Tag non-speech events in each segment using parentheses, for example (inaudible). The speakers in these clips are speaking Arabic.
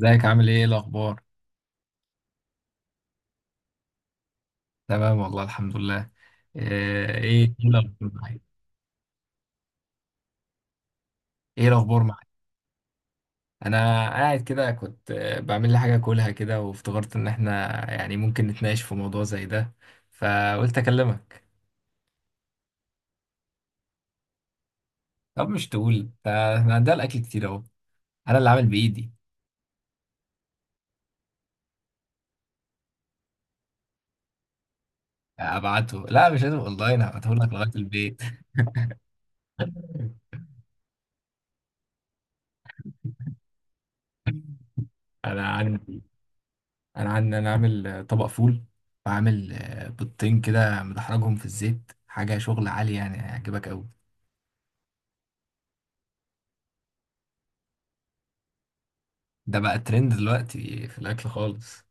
ازيك؟ عامل ايه؟ إيه الاخبار؟ تمام والله، الحمد لله. ايه الاخبار معاك؟ ايه الاخبار معاك؟ انا قاعد كده، كنت بعمل لي حاجه اكلها كده، وافتكرت ان احنا يعني ممكن نتناقش في موضوع زي ده، فقلت اكلمك. طب مش تقول؟ ده احنا عندنا الاكل كتير اهو، انا اللي عامل بايدي. ابعته؟ لا مش لازم اونلاين، هبعته لك لغايه البيت. (laughs) انا عندي، انا عامل طبق فول، وعامل بيضتين كده مدحرجهم في الزيت، حاجه شغل عالي يعني، هيعجبك قوي. ده بقى ترند دلوقتي في الاكل خالص.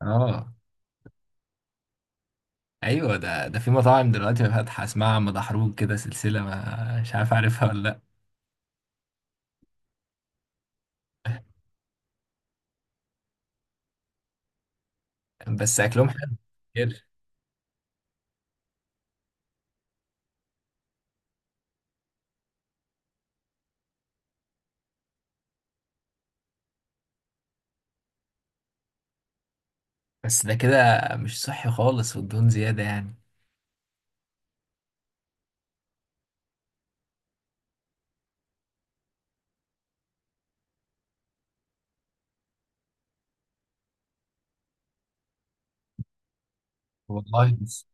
اه ايوه، ده في مطاعم دلوقتي فاتحه اسمها مدحروج كده، سلسله، ما مش عارف، عارفها ولا لا؟ بس اكلهم حلو كتير. بس ده كده مش صحي خالص، والدهون زياده يعني. والله بس.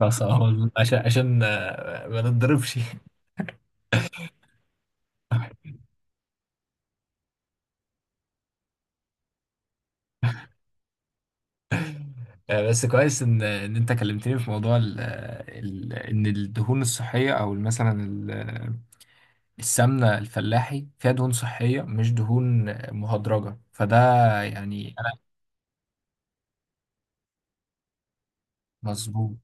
بس والله عشان ما نتضربش. (laughs) بس كويس ان انت كلمتني في موضوع ال ال ان الدهون الصحيه، او مثلا السمنه الفلاحي فيها دهون صحيه، مش دهون مهدرجه، فده يعني انا. مظبوط.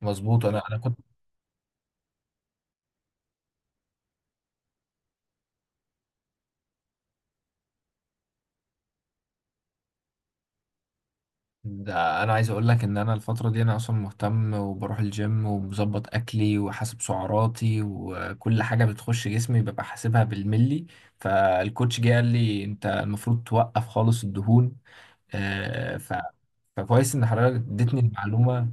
مظبوط، انا كنت. ده انا عايز اقول لك ان انا الفتره دي انا اصلا مهتم، وبروح الجيم، ومظبط اكلي، وحاسب سعراتي، وكل حاجه بتخش جسمي ببقى حاسبها بالملي. فالكوتش جه قال لي انت المفروض توقف خالص الدهون. آه، ف... فكويس ان حضرتك اديتني المعلومه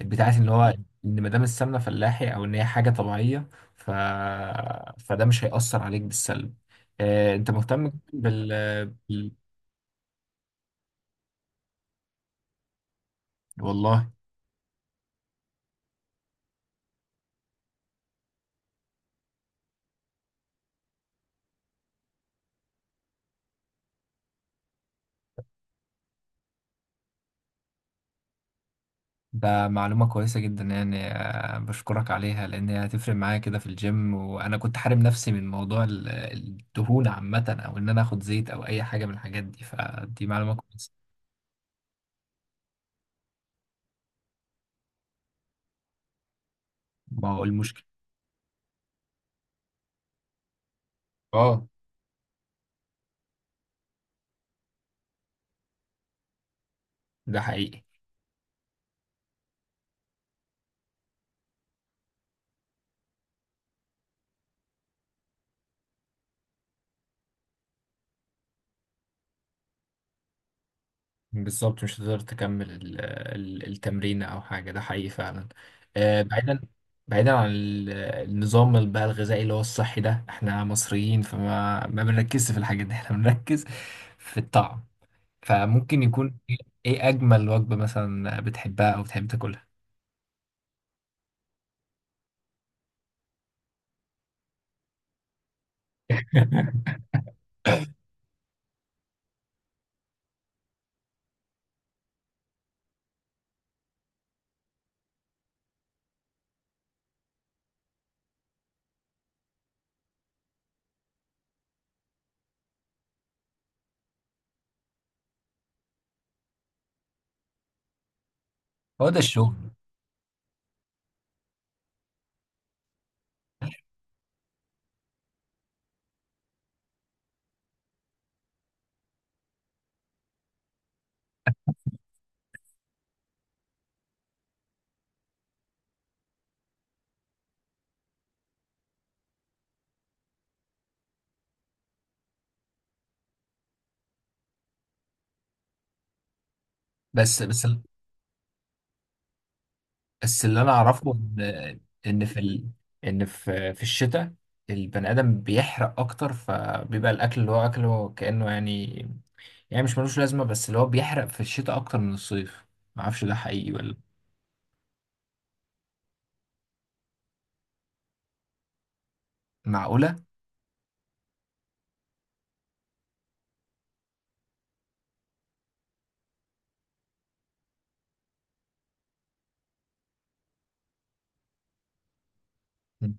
بتاعت ان هو، ان ما دام السمنه فلاحي، او ان هي حاجه طبيعيه، ف... فده مش هيأثر عليك بالسلب. انت مهتم بال... والله. ده معلومة كويسة جدا يعني، بشكرك عليها، لأن هي هتفرق معايا كده في الجيم. وأنا كنت حارم نفسي من موضوع الدهون عامة، أو إن أنا آخد زيت أو أي حاجة من الحاجات دي، فدي معلومة كويسة. ما هو المشكلة. اه. ده حقيقي. بالظبط. مش هتقدر تكمل التمرين او حاجه، ده حقيقي فعلا. بعيدا، بعيدا عن النظام ال- بقى الغذائي اللي هو الصحي ده، احنا مصريين فما، ما بنركزش في الحاجات دي. (laughs) احنا بنركز في الطعم، فممكن يكون ايه. إيه اجمل وجبه مثلا بتحبها او بتحب تاكلها؟ (laughs) هو ده الشغل. بس. بس، بس اللي انا اعرفه ان، ان ان في، في الشتاء البني ادم بيحرق اكتر، فبيبقى الاكل اللي هو اكله كانه يعني، يعني مش ملوش لازمة، بس اللي هو بيحرق في الشتاء أكتر من الصيف. معرفش ده حقيقي ولا. معقولة؟ مم.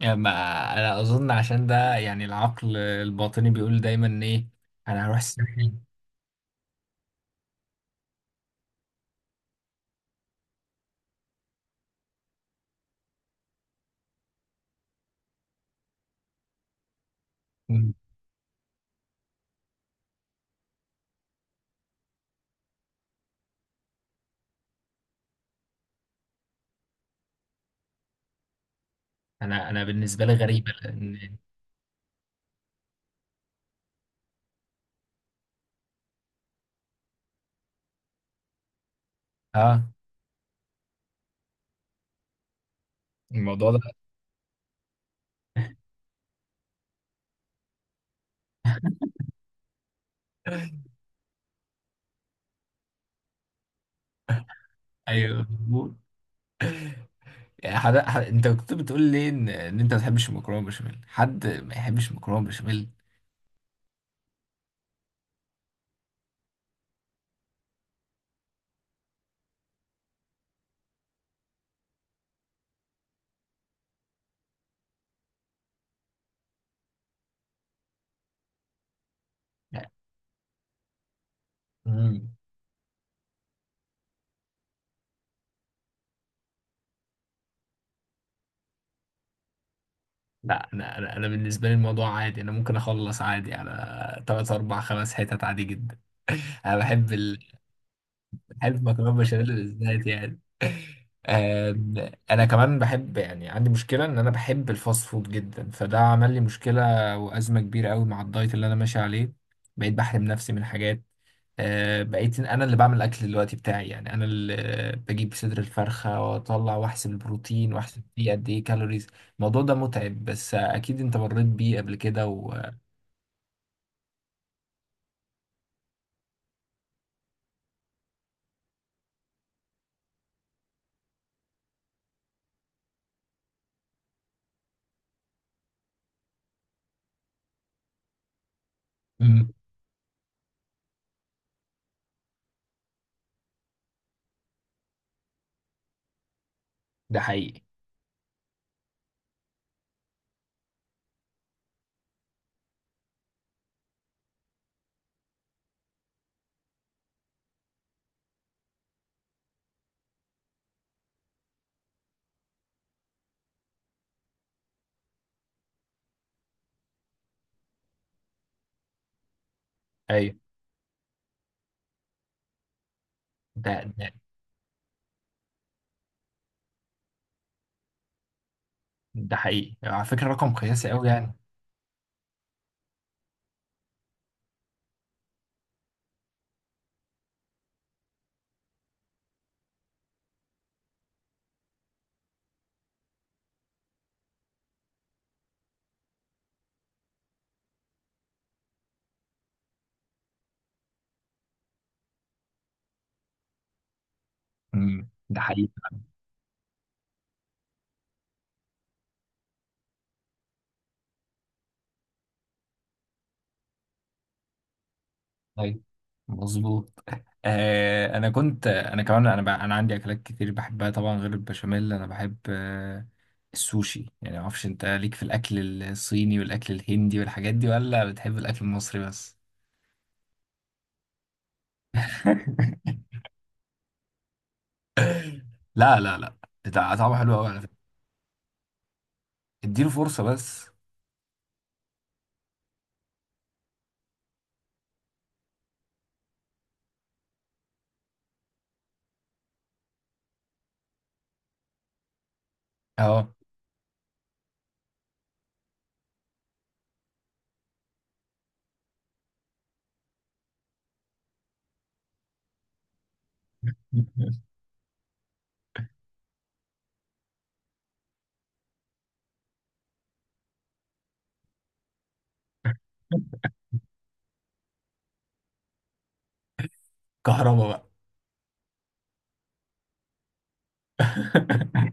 يعني ما، أنا أظن عشان ده يعني العقل الباطني بيقول دايما إيه، أنا هروح الساحل. مم. أنا، أنا بالنسبة لي غريبة، لأن آه الموضوع ده. (laughs) أيوه، مظبوط. يعني حد، حد، أنت كنت بتقول لي إن، إن أنت ما بتحبش المكرونة بشاميل. حد ما يحبش المكرونة بشاميل! لا انا انا أنا بالنسبه لي الموضوع عادي، انا ممكن اخلص عادي على 3 4 5 حتت عادي جدا. انا بحب ألف مكرونة بشاميل بالذات يعني. آم، أنا كمان بحب، يعني عندي مشكلة إن أنا بحب الفاست فود جدا، فده عمل لي مشكلة وأزمة كبيرة أوي مع الدايت اللي أنا ماشي عليه. بقيت بحرم نفسي من حاجات. بقيت أنا اللي بعمل الأكل دلوقتي بتاعي، يعني أنا اللي بجيب صدر الفرخة وأطلع وأحسب البروتين وأحسب فيه قد إيه كالوريز. الموضوع ده متعب، بس أكيد أنت مريت بيه قبل كده. و... مم، ده حقيقي. أيوه. ده ده ده حقيقي على فكرة، رقم قياسي أوي يعني. امم، ده حقيقي. طيب، مظبوط. آه انا كنت، انا كمان، انا انا عندي اكلات كتير بحبها طبعا، غير البشاميل انا بحب آه السوشي يعني، ما اعرفش انت ليك في الاكل الصيني والاكل الهندي والحاجات دي، ولا بتحب الاكل المصري بس؟ (laughs) لا لا لا، ده طعمه حلو قوي على فكره، اديله فرصه بس. اه. (laughs) كهربا بقى. (laughs)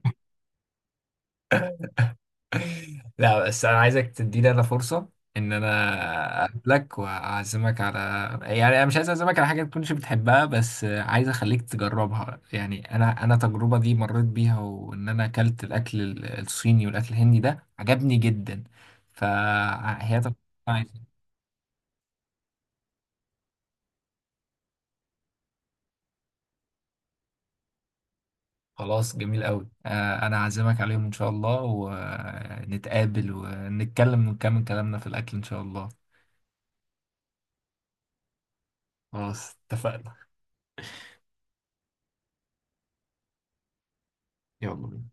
لا بس انا عايزك تديني انا فرصه، ان انا اقابلك واعزمك على، يعني انا مش عايز اعزمك على حاجه ما تكونش بتحبها، بس عايز اخليك تجربها. يعني انا التجربه دي مريت بيها، وان انا اكلت الاكل الصيني والاكل الهندي ده عجبني جدا، فهي تجربة عايزة. خلاص جميل قوي، انا هعزمك عليهم ان شاء الله، ونتقابل ونتكلم ونكمل كلامنا في الاكل ان شاء الله. خلاص اتفقنا. يلا بينا.